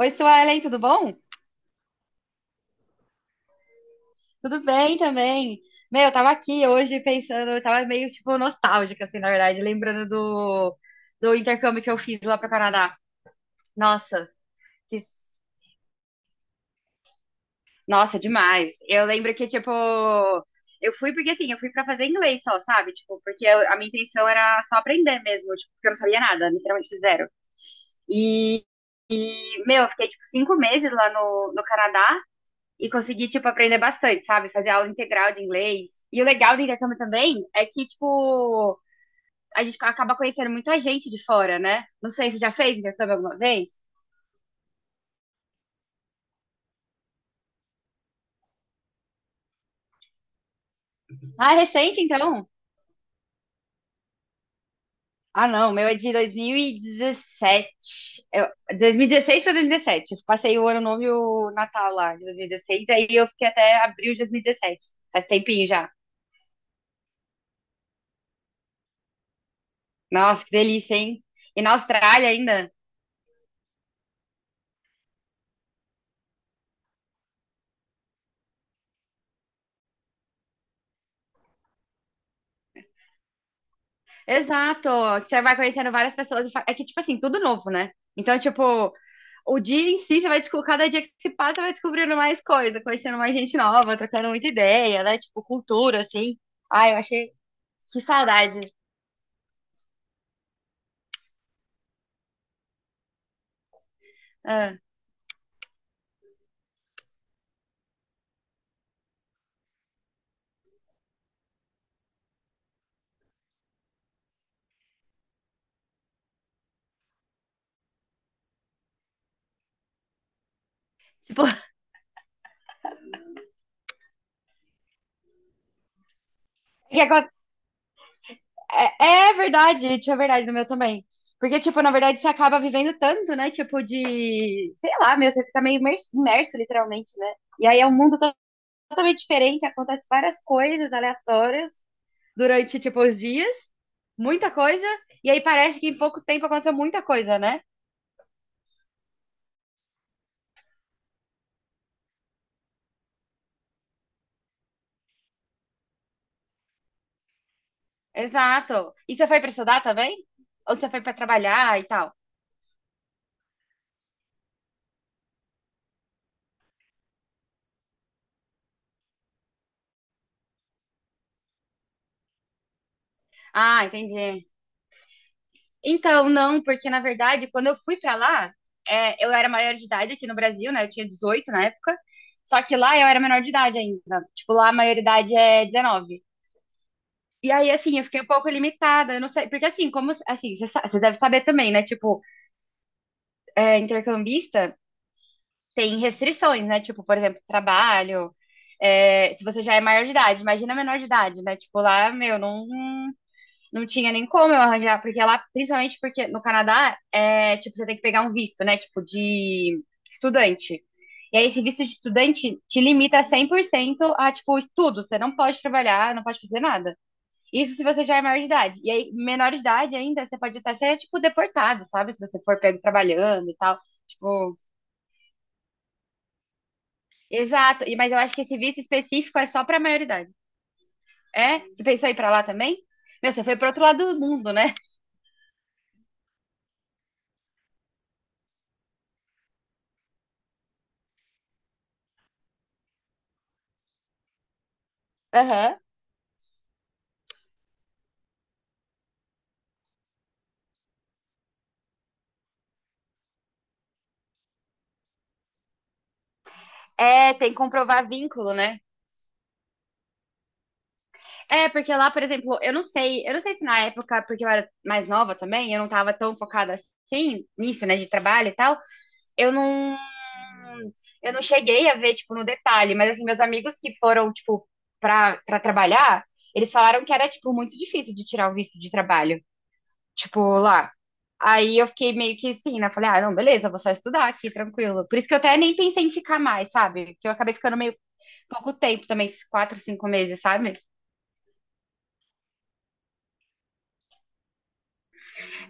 Oi, Suelen, tudo bom? Tudo bem também. Meu, eu tava aqui hoje pensando, eu tava meio, tipo, nostálgica, assim, na verdade, lembrando do intercâmbio que eu fiz lá pro Canadá. Nossa, que- nossa, demais. Eu lembro que, tipo, eu fui porque, assim, eu fui pra fazer inglês só, sabe? Tipo, porque a minha intenção era só aprender mesmo, tipo, porque eu não sabia nada, literalmente zero. E, meu, eu fiquei, tipo, 5 meses lá no Canadá e consegui, tipo, aprender bastante, sabe? Fazer aula integral de inglês. E o legal do intercâmbio também é que, tipo, a gente acaba conhecendo muita gente de fora, né? Não sei, você já fez intercâmbio alguma vez? Ah, é recente, então? Ah, não, meu é de 2017. Eu, 2016 para 2017. Eu passei o ano novo e o Natal lá de 2016, aí eu fiquei até abril de 2017. Faz tempinho já. Nossa, que delícia, hein? E na Austrália ainda. Exato. Você vai conhecendo várias pessoas. É que, tipo assim, tudo novo, né? Então, tipo, o dia em si, você vai descobrir, cada dia que se passa, você vai descobrindo mais coisa, conhecendo mais gente nova, trocando muita ideia, né? Tipo, cultura, assim. Ai, eu achei que saudade. Ah, tipo, que aco- é, é verdade, tinha verdade no meu também. Porque, tipo, na verdade, você acaba vivendo tanto, né? Tipo, de, sei lá, meu, você fica meio imerso, literalmente, né? E aí é um mundo totalmente diferente, acontece várias coisas aleatórias. Durante, tipo, os dias, muita coisa, e aí parece que em pouco tempo aconteceu muita coisa, né? Exato. E você foi pra estudar também? Ou você foi pra trabalhar e tal? Ah, entendi. Então, não, porque na verdade, quando eu fui pra lá, é, eu era maior de idade aqui no Brasil, né? Eu tinha 18 na época. Só que lá eu era menor de idade ainda. Tipo, lá a maioridade é 19. E aí, assim, eu fiquei um pouco limitada, eu não sei. Porque, assim, como. Assim, você deve saber também, né? Tipo, é, intercambista tem restrições, né? Tipo, por exemplo, trabalho. É, se você já é maior de idade, imagina menor de idade, né? Tipo, lá, meu, não, não tinha nem como eu arranjar, porque lá, principalmente porque no Canadá, é, tipo, você tem que pegar um visto, né? Tipo, de estudante. E aí, esse visto de estudante te limita 100% a, tipo, estudo. Você não pode trabalhar, não pode fazer nada. Isso se você já é maior de idade. E aí, menor de idade ainda, você pode até ser, tipo, deportado, sabe? Se você for pego trabalhando e tal. Tipo, exato, mas eu acho que esse visto específico é só pra maioridade. É? Você pensou em ir pra lá também? Meu, você foi pro outro lado do mundo, né? Aham. É, tem que comprovar vínculo, né? É, porque lá, por exemplo, eu não sei se na época, porque eu era mais nova também, eu não tava tão focada assim nisso, né, de trabalho e tal. Eu não, eu não cheguei a ver, tipo, no detalhe, mas assim, meus amigos que foram, tipo, pra trabalhar, eles falaram que era, tipo, muito difícil de tirar o visto de trabalho. Tipo, lá. Aí eu fiquei meio que assim, né? Falei, ah, não, beleza, vou só estudar aqui, tranquilo. Por isso que eu até nem pensei em ficar mais, sabe? Que eu acabei ficando meio pouco tempo também, esses 4, 5 meses, sabe?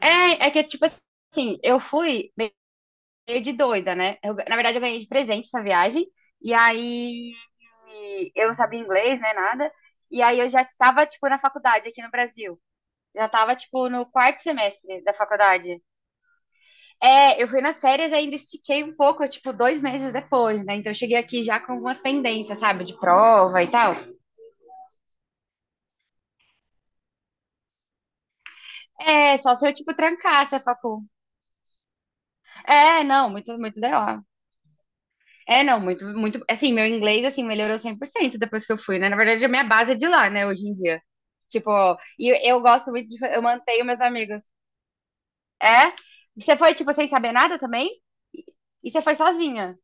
É, é que, tipo assim, eu fui meio de doida, né? Na verdade, eu ganhei de presente essa viagem. E aí eu não sabia inglês, né, nada. E aí eu já estava, tipo, na faculdade aqui no Brasil. Já estava, tipo, no quarto semestre da faculdade. É, eu fui nas férias e ainda estiquei um pouco, tipo, 2 meses depois, né? Então eu cheguei aqui já com algumas pendências, sabe? De prova e tal. É, só se eu, tipo, trancasse a facul. É, não, muito, muito DO. É, não, muito, muito. Assim, meu inglês, assim, melhorou 100% depois que eu fui, né? Na verdade, a minha base é de lá, né, hoje em dia. Tipo, e eu gosto muito de. Eu mantenho meus amigos. É? Você foi, tipo, sem saber nada também? E e você foi sozinha?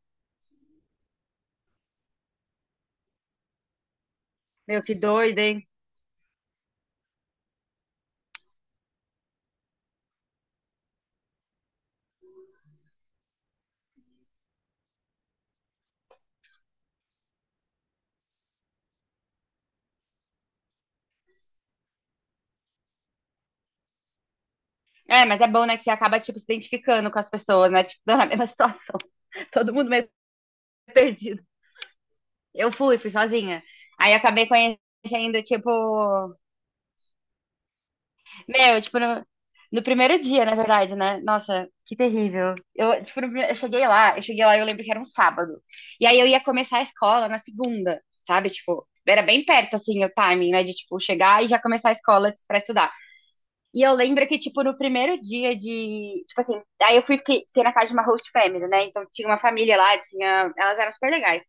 Meu, que doida, hein? É, mas é bom, né, que você acaba, tipo, se identificando com as pessoas, né? Tipo, tô na mesma situação. Todo mundo meio perdido. Eu fui sozinha. Aí eu acabei conhecendo, tipo. Meu, tipo, no primeiro dia, na verdade, né? Nossa, que terrível. Eu, tipo, no prime- eu cheguei lá e eu lembro que era um sábado. E aí eu ia começar a escola na segunda, sabe? Tipo, era bem perto, assim, o timing, né? De, tipo, chegar e já começar a escola pra estudar. E eu lembro que, tipo, no primeiro dia de. Tipo assim, aí eu fiquei na casa de uma host family, né? Então tinha uma família lá, tinha. Elas eram super legais.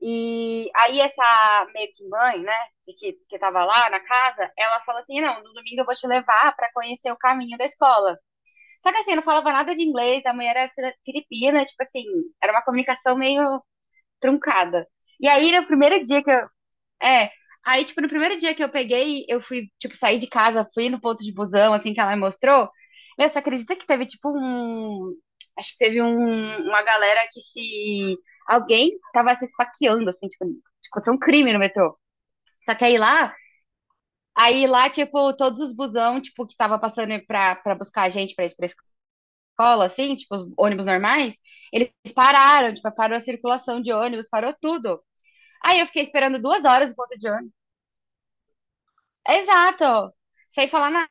E aí essa meio que mãe, né, de que tava lá na casa, ela falou assim, não, no domingo eu vou te levar pra conhecer o caminho da escola. Só que assim, eu não falava nada de inglês, a mãe era filipina, tipo assim, era uma comunicação meio truncada. E aí, no primeiro dia que eu, é. Aí, tipo, no primeiro dia que eu peguei, eu fui, tipo, sair de casa, fui no ponto de busão, assim, que ela me mostrou. Meu, você acredita que teve, tipo, um. Acho que teve uma galera que se. Alguém tava se esfaqueando, assim, tipo, aconteceu um crime no metrô. Só que aí lá, tipo, todos os busão, tipo, que tava passando pra buscar a gente pra ir pra escola, assim, tipo, os ônibus normais, eles pararam, tipo, parou a circulação de ônibus, parou tudo. Aí eu fiquei esperando 2 horas no ponto de. Exato. Sem falar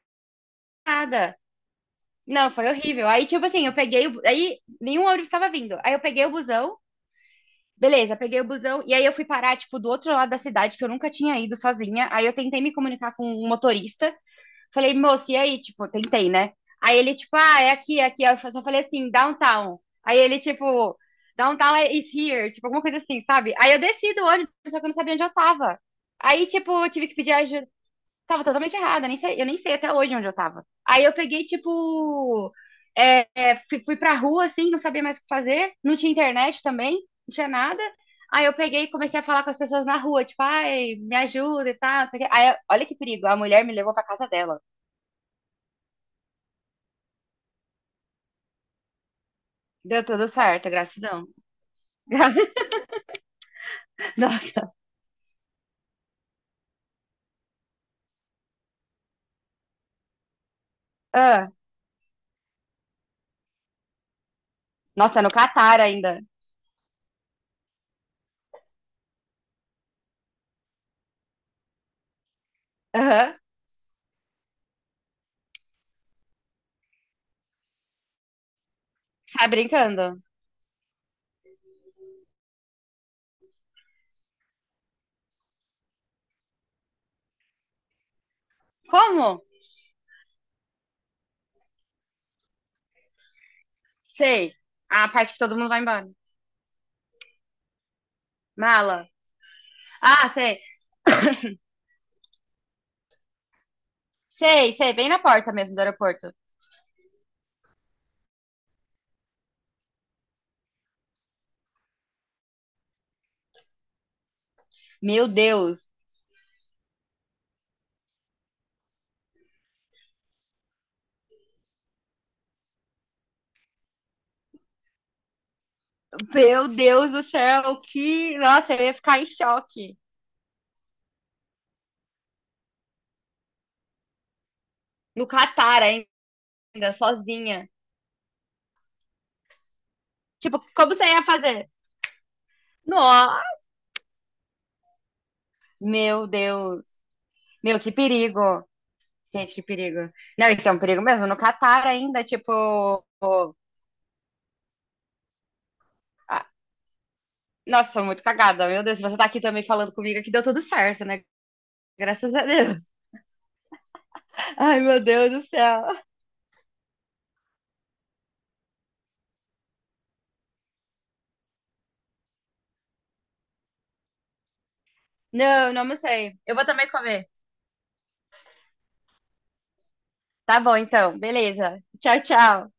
nada. Não, foi horrível. Aí, tipo assim, eu peguei. Aí, nenhum ônibus estava vindo. Aí, eu peguei o busão. Beleza, peguei o busão. E aí, eu fui parar, tipo, do outro lado da cidade, que eu nunca tinha ido sozinha. Aí, eu tentei me comunicar com o motorista. Falei, moço, e aí? Tipo, tentei, né? Aí, ele, tipo, ah, é aqui, é aqui. Aí, eu só falei assim, downtown. Aí, ele, tipo, downtown is here. Tipo, alguma coisa assim, sabe? Aí, eu desci do ônibus, só que eu não sabia onde eu tava. Aí, tipo, eu tive que pedir ajuda. Tava totalmente errada, nem sei- eu nem sei até hoje onde eu tava. Aí eu peguei, tipo, fui pra rua, assim, não sabia mais o que fazer, não tinha internet também, não tinha nada. Aí eu peguei e comecei a falar com as pessoas na rua, tipo, ai, me ajuda e tal, não sei o quê. Aí, olha que perigo, a mulher me levou pra casa dela. Deu tudo certo, gratidão. Nossa, ah, nossa, no Catar ainda. Aham. Sai brincando. Como? Sei. Ah, a parte que todo mundo vai embora. Mala. Ah, sei. Sei, sei, bem na porta mesmo do aeroporto. Meu Deus, meu Deus do céu, que. Nossa, eu ia ficar em choque. No Catar ainda, sozinha. Tipo, como você ia fazer? Nossa, meu Deus. Meu, que perigo. Gente, que perigo. Não, isso é um perigo mesmo. No Catar ainda, tipo. Ah, nossa, sou muito cagada. Meu Deus, se você tá aqui também falando comigo, que deu tudo certo, né? Graças a Deus. Ai, meu Deus do céu. Não, não sei. Eu vou também comer. Tá bom, então. Beleza. Tchau, tchau.